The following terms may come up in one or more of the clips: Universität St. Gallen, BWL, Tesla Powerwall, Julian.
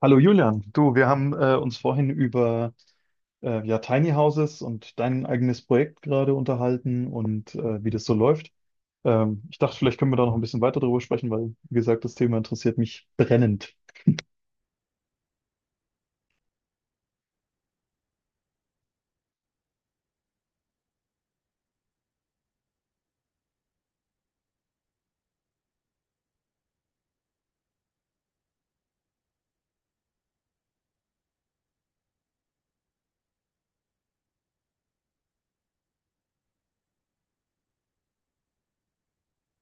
Hallo Julian, du, wir haben uns vorhin über ja, Tiny Houses und dein eigenes Projekt gerade unterhalten und wie das so läuft. Ich dachte, vielleicht können wir da noch ein bisschen weiter drüber sprechen, weil, wie gesagt, das Thema interessiert mich brennend.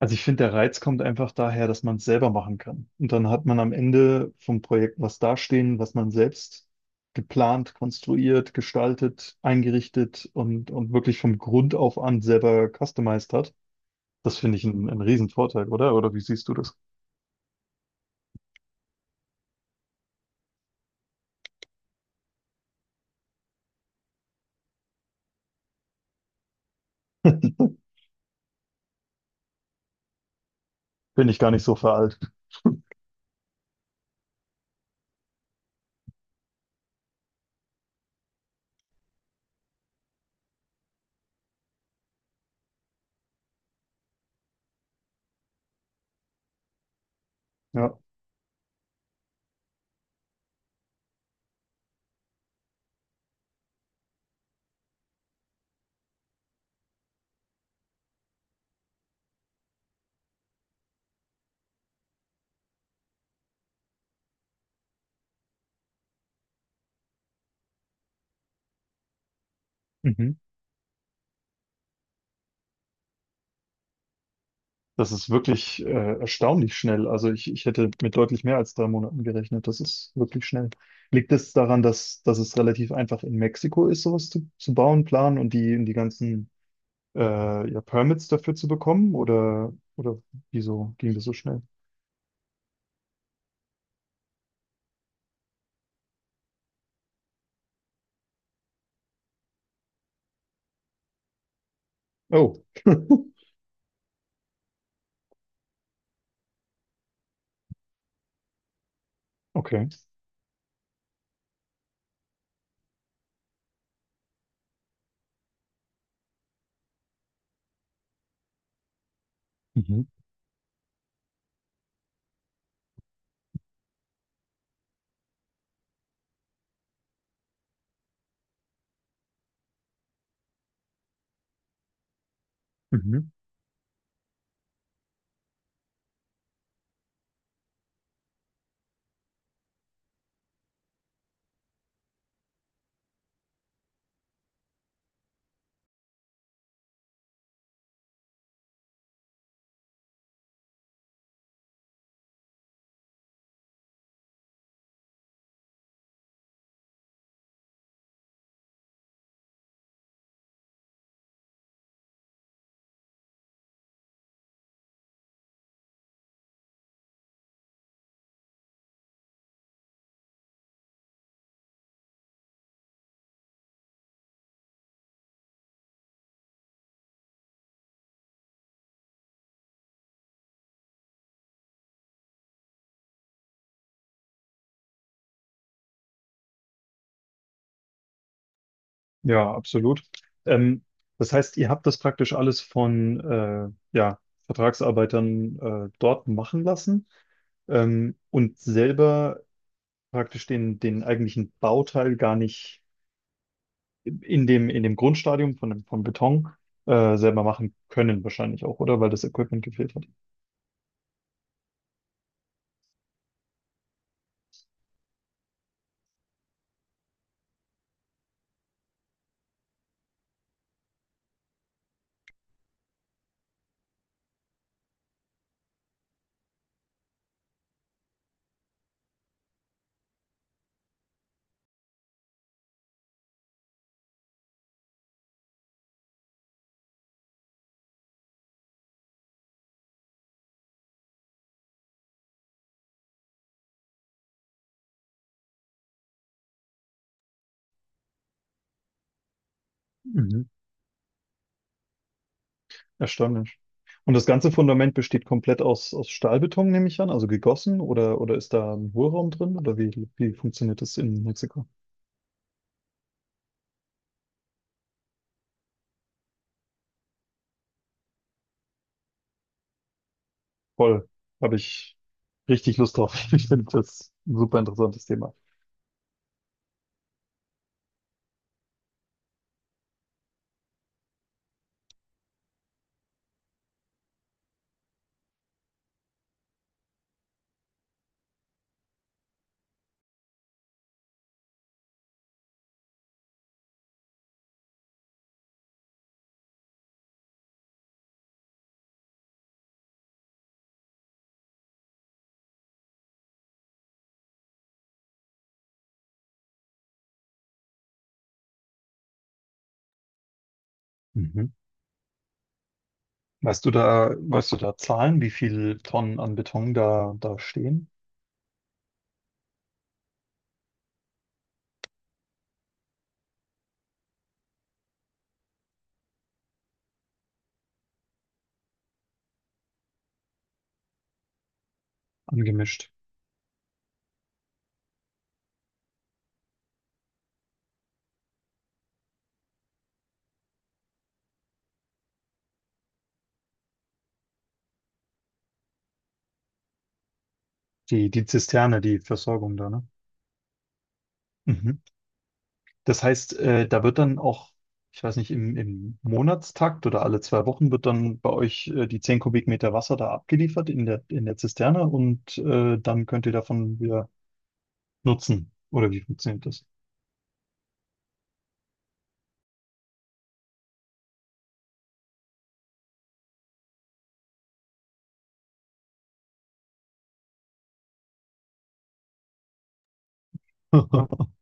Also ich finde, der Reiz kommt einfach daher, dass man es selber machen kann. Und dann hat man am Ende vom Projekt was dastehen, was man selbst geplant, konstruiert, gestaltet, eingerichtet und wirklich vom Grund auf an selber customized hat. Das finde ich einen riesen Vorteil, oder? Oder wie siehst du das? Bin ich gar nicht so veraltet. Ja. Mhm. Das ist wirklich erstaunlich schnell. Also ich hätte mit deutlich mehr als 3 Monaten gerechnet. Das ist wirklich schnell. Liegt es daran, dass es relativ einfach in Mexiko ist, sowas zu bauen, planen und die ganzen ja, Permits dafür zu bekommen? Oder wieso ging das so schnell? Oh, okay. Mhm. Mhm. Ja, absolut. Ähm, Das heißt, ihr habt das praktisch alles von ja, Vertragsarbeitern dort machen lassen, und selber praktisch den eigentlichen Bauteil gar nicht in dem Grundstadium vom Beton selber machen können, wahrscheinlich auch, oder? Weil das Equipment gefehlt hat. Mhm. Erstaunlich. Und das ganze Fundament besteht komplett aus Stahlbeton, nehme ich an, also gegossen, oder ist da ein Hohlraum drin? Oder wie funktioniert das in Mexiko? Voll. Habe ich richtig Lust drauf. Ich finde das ein super interessantes Thema. Mhm. Weißt du da Zahlen, wie viel Tonnen an Beton da stehen? Angemischt. Die Zisterne, die Versorgung da, ne? Mhm. Das heißt, da wird dann auch, ich weiß nicht, im Monatstakt oder alle 2 Wochen wird dann bei euch die 10 Kubikmeter Wasser da abgeliefert in der Zisterne und dann könnt ihr davon wieder nutzen. Oder wie funktioniert das?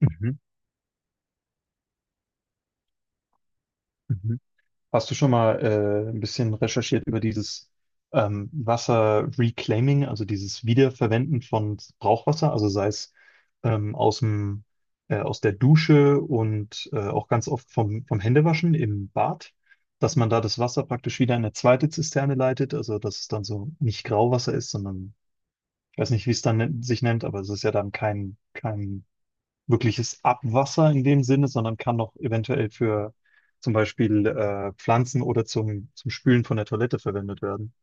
Mhm. Mhm. Hast du schon mal ein bisschen recherchiert über dieses Wasser-Reclaiming, also dieses Wiederverwenden von Brauchwasser, also sei es ähm, aus dem, aus der Dusche und auch ganz oft vom Händewaschen im Bad, dass man da das Wasser praktisch wieder in eine zweite Zisterne leitet, also dass es dann so nicht Grauwasser ist, sondern ich weiß nicht, wie es dann sich nennt, aber es ist ja dann kein wirkliches Abwasser in dem Sinne, sondern kann noch eventuell für zum Beispiel Pflanzen oder zum Spülen von der Toilette verwendet werden.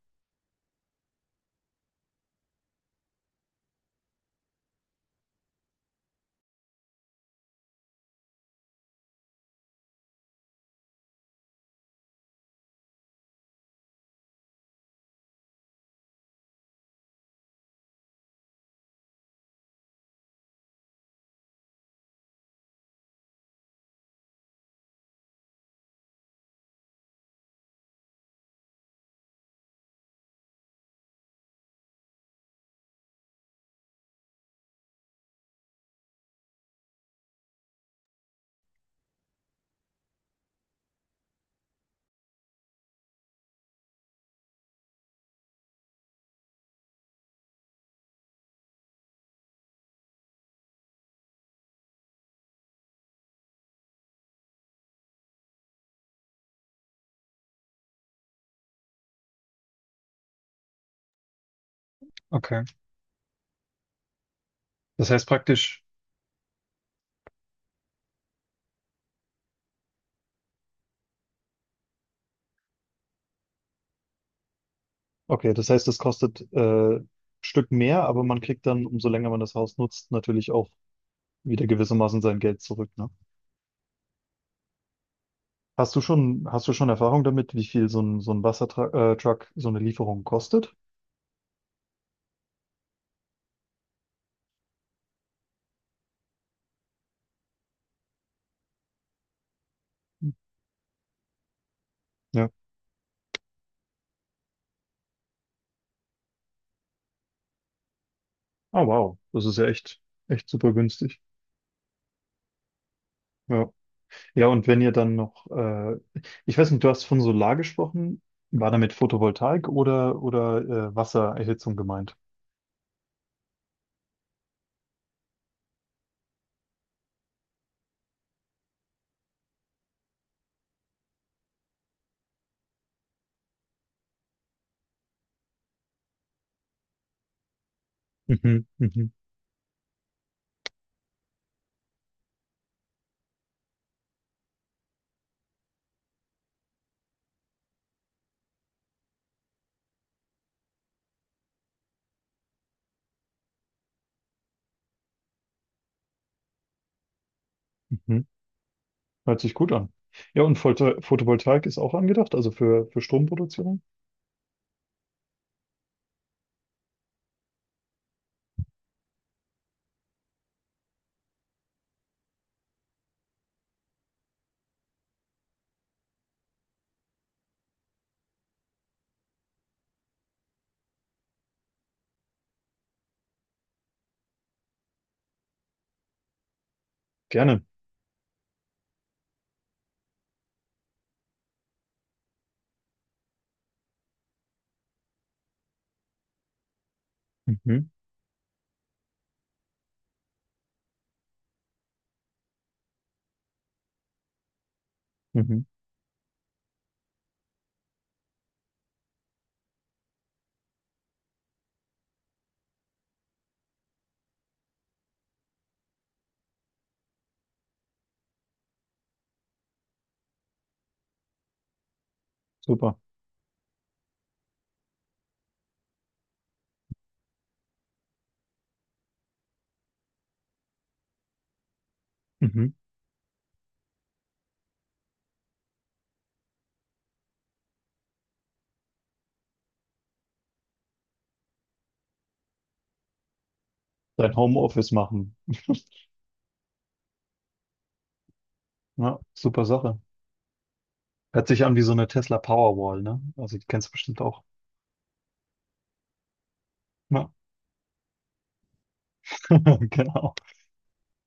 Okay. Das heißt praktisch, okay, das heißt, das kostet ein Stück mehr, aber man kriegt dann, umso länger man das Haus nutzt, natürlich auch wieder gewissermaßen sein Geld zurück, ne? Hast du schon Erfahrung damit, wie viel so ein Wassertruck, Truck, so eine Lieferung kostet? Ja. Oh, wow. Das ist ja echt, echt super günstig. Ja. Ja, und wenn ihr dann noch, ich weiß nicht, du hast von Solar gesprochen, war damit Photovoltaik oder Wassererhitzung gemeint? Mhm, mhm, mhm. Hört sich gut an. Ja, und Photovoltaik ist auch angedacht, also für Stromproduktion? Gerne. Mhm, mhm, super. Mhm. Dein Homeoffice machen. Ja, super Sache. Hört sich an wie so eine Tesla Powerwall, ne? Also die kennst du bestimmt auch. Ja, genau.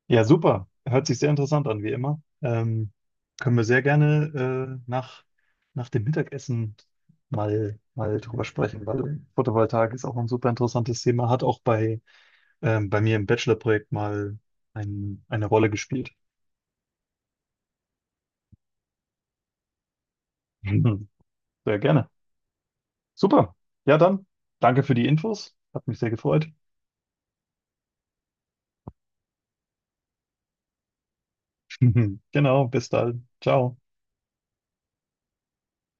Ja, super. Hört sich sehr interessant an, wie immer. Können wir sehr gerne nach dem Mittagessen mal drüber sprechen, weil Photovoltaik ist auch ein super interessantes Thema, hat auch bei mir im Bachelorprojekt mal eine Rolle gespielt. Mhm. Sehr gerne. Super. Ja, dann danke für die Infos. Hat mich sehr gefreut. Genau, bis dann. Ciao.